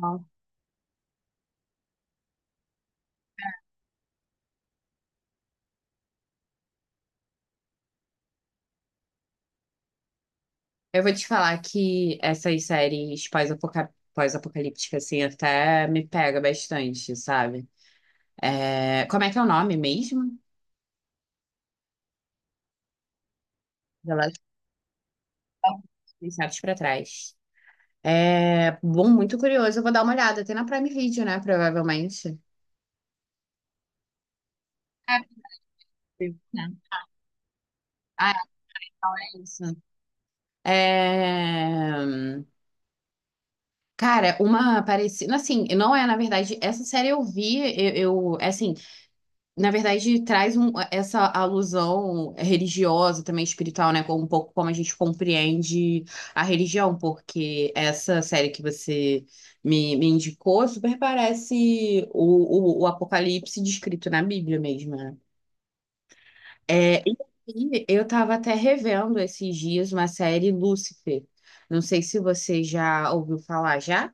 Ó. Eu vou te falar que essas séries pós-apocalípticas, assim, até me pega bastante, sabe? É, como é que é o nome mesmo? The Last of Us, Deixados pra trás. É bom, muito curioso. Eu vou dar uma olhada. Tem na Prime Video, né? Provavelmente. É possível, né? Ah, é isso. É, cara, uma parecida. Assim, não é, na verdade, essa série eu vi, eu, eu é assim, na verdade, traz essa alusão religiosa, também espiritual, né? Um pouco como a gente compreende a religião, porque essa série que você me indicou super parece o Apocalipse descrito na Bíblia mesmo, né? É, e aí, eu estava até revendo esses dias uma série Lúcifer. Não sei se você já ouviu falar já.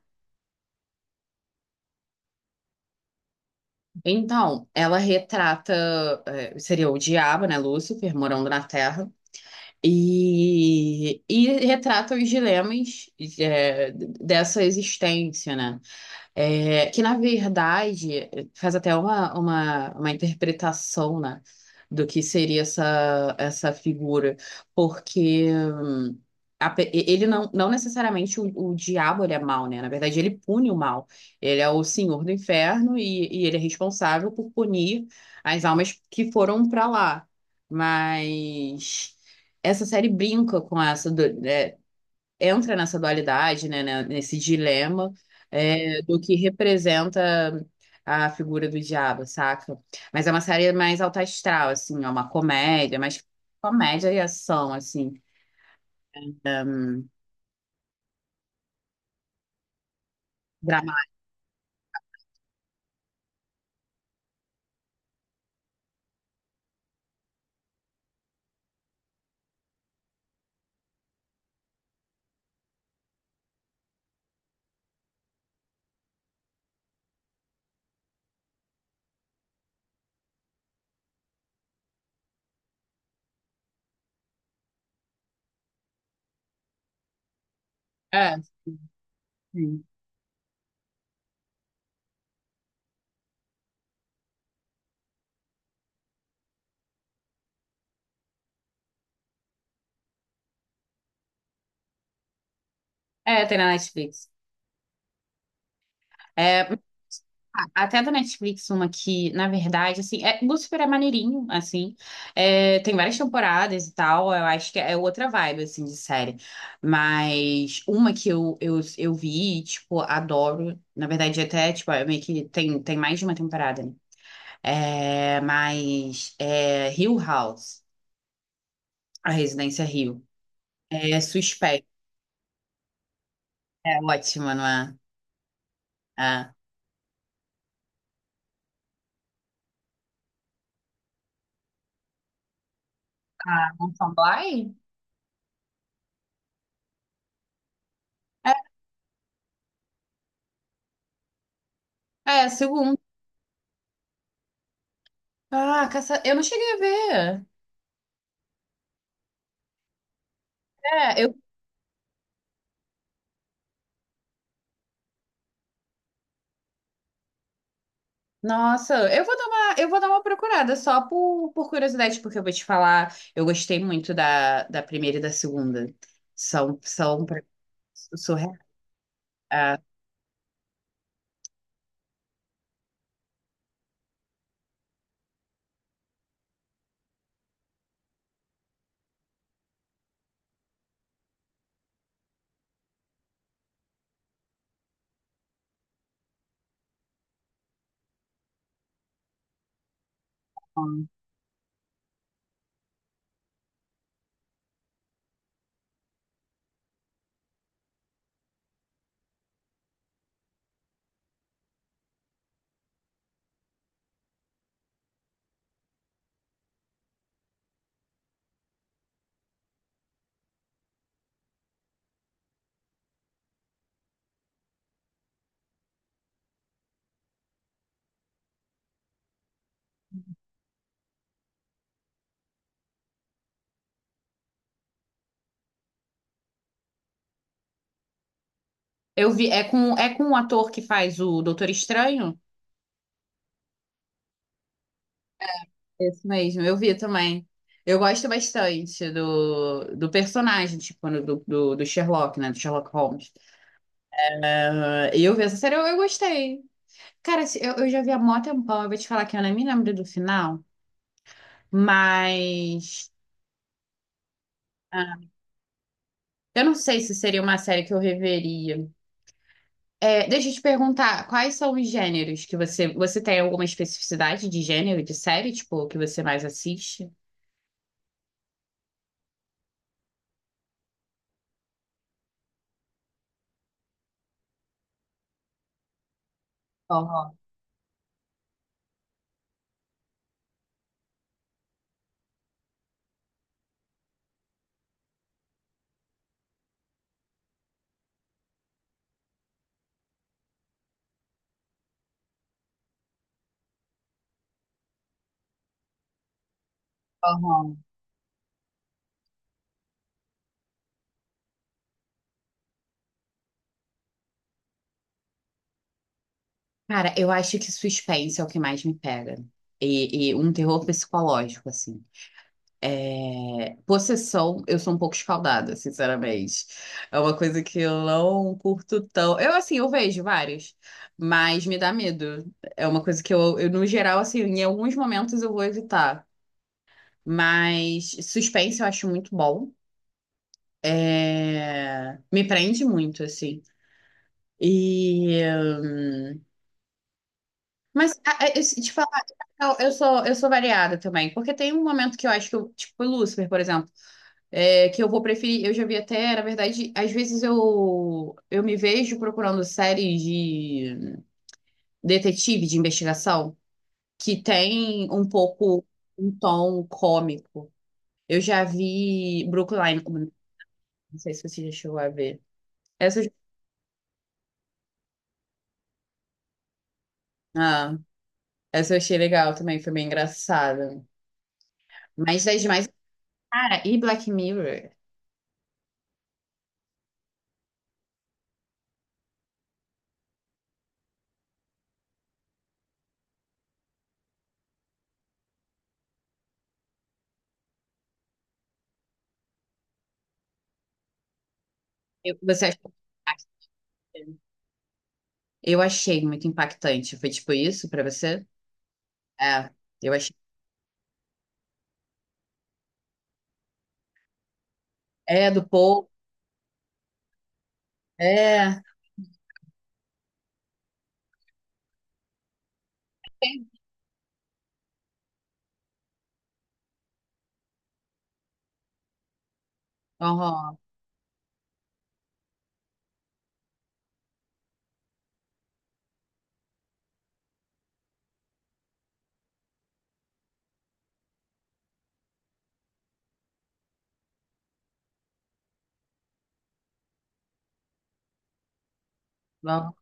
Então, ela retrata, seria o diabo, né? Lúcifer, morando na Terra. E retrata os dilemas dessa existência, né? É, que na verdade faz até uma interpretação, né, do que seria essa figura, porque ele não necessariamente o diabo ele é mau, né? Na verdade, ele pune o mal. Ele é o senhor do inferno e ele é responsável por punir as almas que foram para lá. Mas essa série brinca com essa, entra nessa dualidade, né, nesse dilema do que representa a figura do diabo, saca? Mas é uma série mais alta astral, assim, é uma comédia, mais comédia e ação, assim, drama. É, sim. É, tem na Netflix. É, Ah, até da Netflix, uma que, na verdade, assim, é, Lucifer é maneirinho, assim, é, tem várias temporadas e tal, eu acho que é outra vibe, assim, de série, mas uma que eu, eu vi, e, tipo, adoro, na verdade, até, tipo, é meio que tem, tem mais de uma temporada, né, é, mas é Hill House, a Residência Hill, é suspeita, é ótima, não é? É. Ah, não são Bly? É, é, segundo. Ah, caça... eu não cheguei a ver. É, eu... Nossa, eu vou dar uma procurada só por curiosidade, porque eu vou te falar, eu gostei muito da, da primeira e da segunda. São, são pra- surreal. ah, Eu vi, é com o ator que faz o Doutor Estranho? Esse mesmo, eu vi também. Eu gosto bastante do, do personagem, tipo, do Sherlock, né? Do Sherlock Holmes. Ah, e eu vi essa série, eu gostei. Cara, eu já vi há mó tempão, eu vou te falar que eu nem me lembro do final, mas. Ah, eu não sei se seria uma série que eu reveria. É, deixa eu te perguntar, quais são os gêneros que você... Você tem alguma especificidade de gênero de série, tipo, que você mais assiste? Aham, aham. Cara, eu acho que suspense é o que mais me pega. E um terror psicológico, assim. É, possessão, eu sou um pouco escaldada, sinceramente. É uma coisa que eu não curto tão. Eu, assim, eu vejo vários, mas me dá medo. É uma coisa que eu, no geral, assim, em alguns momentos eu vou evitar. Mas suspense eu acho muito bom. É, me prende muito, assim. E. hum, Mas, eu, se te falar, eu sou variada também, porque tem um momento que eu acho que eu, tipo, Lucifer, por exemplo. É, que eu vou preferir, eu já vi até, na verdade, às vezes eu me vejo procurando séries de detetive, de investigação, que tem um pouco um tom cômico. Eu já vi Brooklyn, não sei se você já chegou a ver. Essa, eu- ah, essa eu achei legal também, foi bem engraçada. Mas das demais, cara, e Black Mirror? Você achou impactante? Eu achei muito impactante. Foi tipo isso pra você? É, eu achei. É, do povo. É, aham, aham.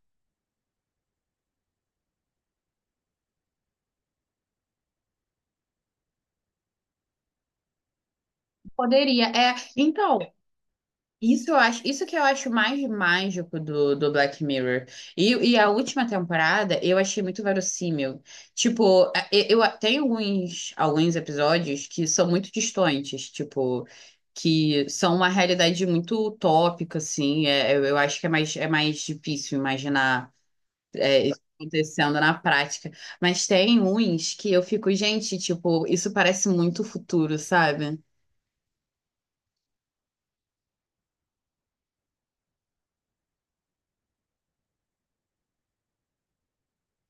Poderia. É, então, isso que eu acho mais mágico do, do Black Mirror. E a última temporada eu achei muito verossímil. Tipo, eu, tem alguns, alguns episódios que são muito distantes, tipo, que são uma realidade muito utópica, assim. Eu acho que é mais difícil imaginar. É, isso acontecendo na prática. Mas tem uns que eu fico, gente, tipo, isso parece muito futuro, sabe?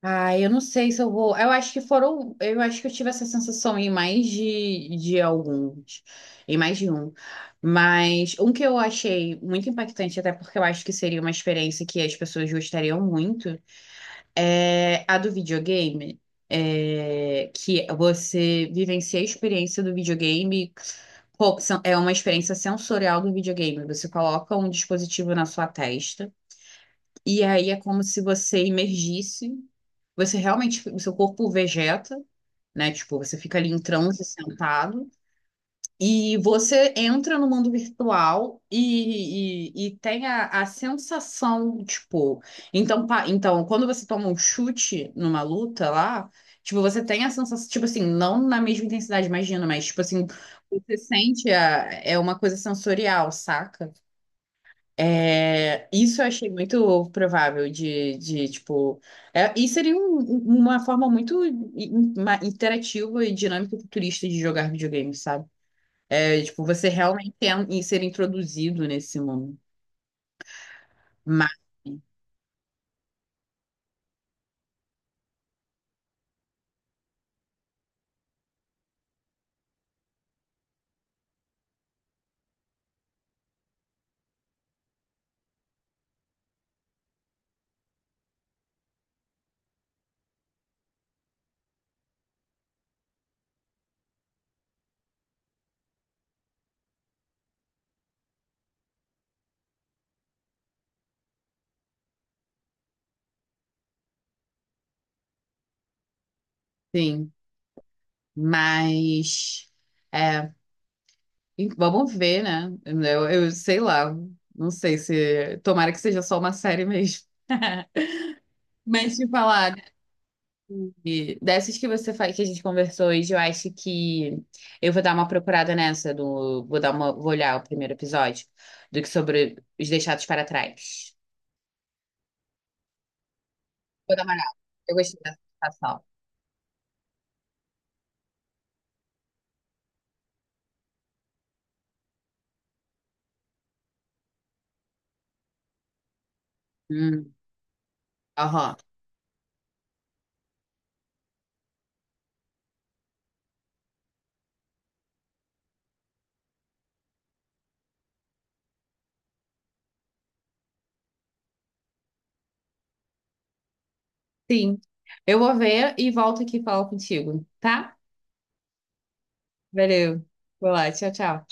Ah, eu não sei se eu vou. Eu acho que foram. Eu acho que eu tive essa sensação em mais de alguns, em mais de um. Mas um que eu achei muito impactante, até porque eu acho que seria uma experiência que as pessoas gostariam muito, é a do videogame, é, que você vivencia a experiência do videogame, pô, é uma experiência sensorial do videogame. Você coloca um dispositivo na sua testa, e aí é como se você imergisse, você realmente, o seu corpo vegeta, né? Tipo, você fica ali em transe sentado. E você entra no mundo virtual e tem a sensação, tipo. Então, então, quando você toma um chute numa luta lá, tipo, você tem a sensação, tipo assim, não na mesma intensidade, imagina, mas, tipo assim, você sente a, é uma coisa sensorial, saca? É, isso eu achei muito provável de tipo. É, e seria uma forma muito interativa e dinâmica e futurista de jogar videogame, sabe? É, tipo, você realmente em ser introduzido nesse mundo. Mas, sim, mas é, e vamos ver, né? Eu sei lá, não sei se tomara que seja só uma série mesmo. Mas te falar, dessas que você faz, que a gente conversou hoje, eu acho que eu vou dar uma procurada nessa do, vou olhar o primeiro episódio do que sobre os deixados para trás. Vou dar uma olhada. Eu gostei dessa sensação. Hum, aham. Sim. Eu vou ver e volto aqui falar contigo, tá? Valeu. Vou lá. Tchau, tchau.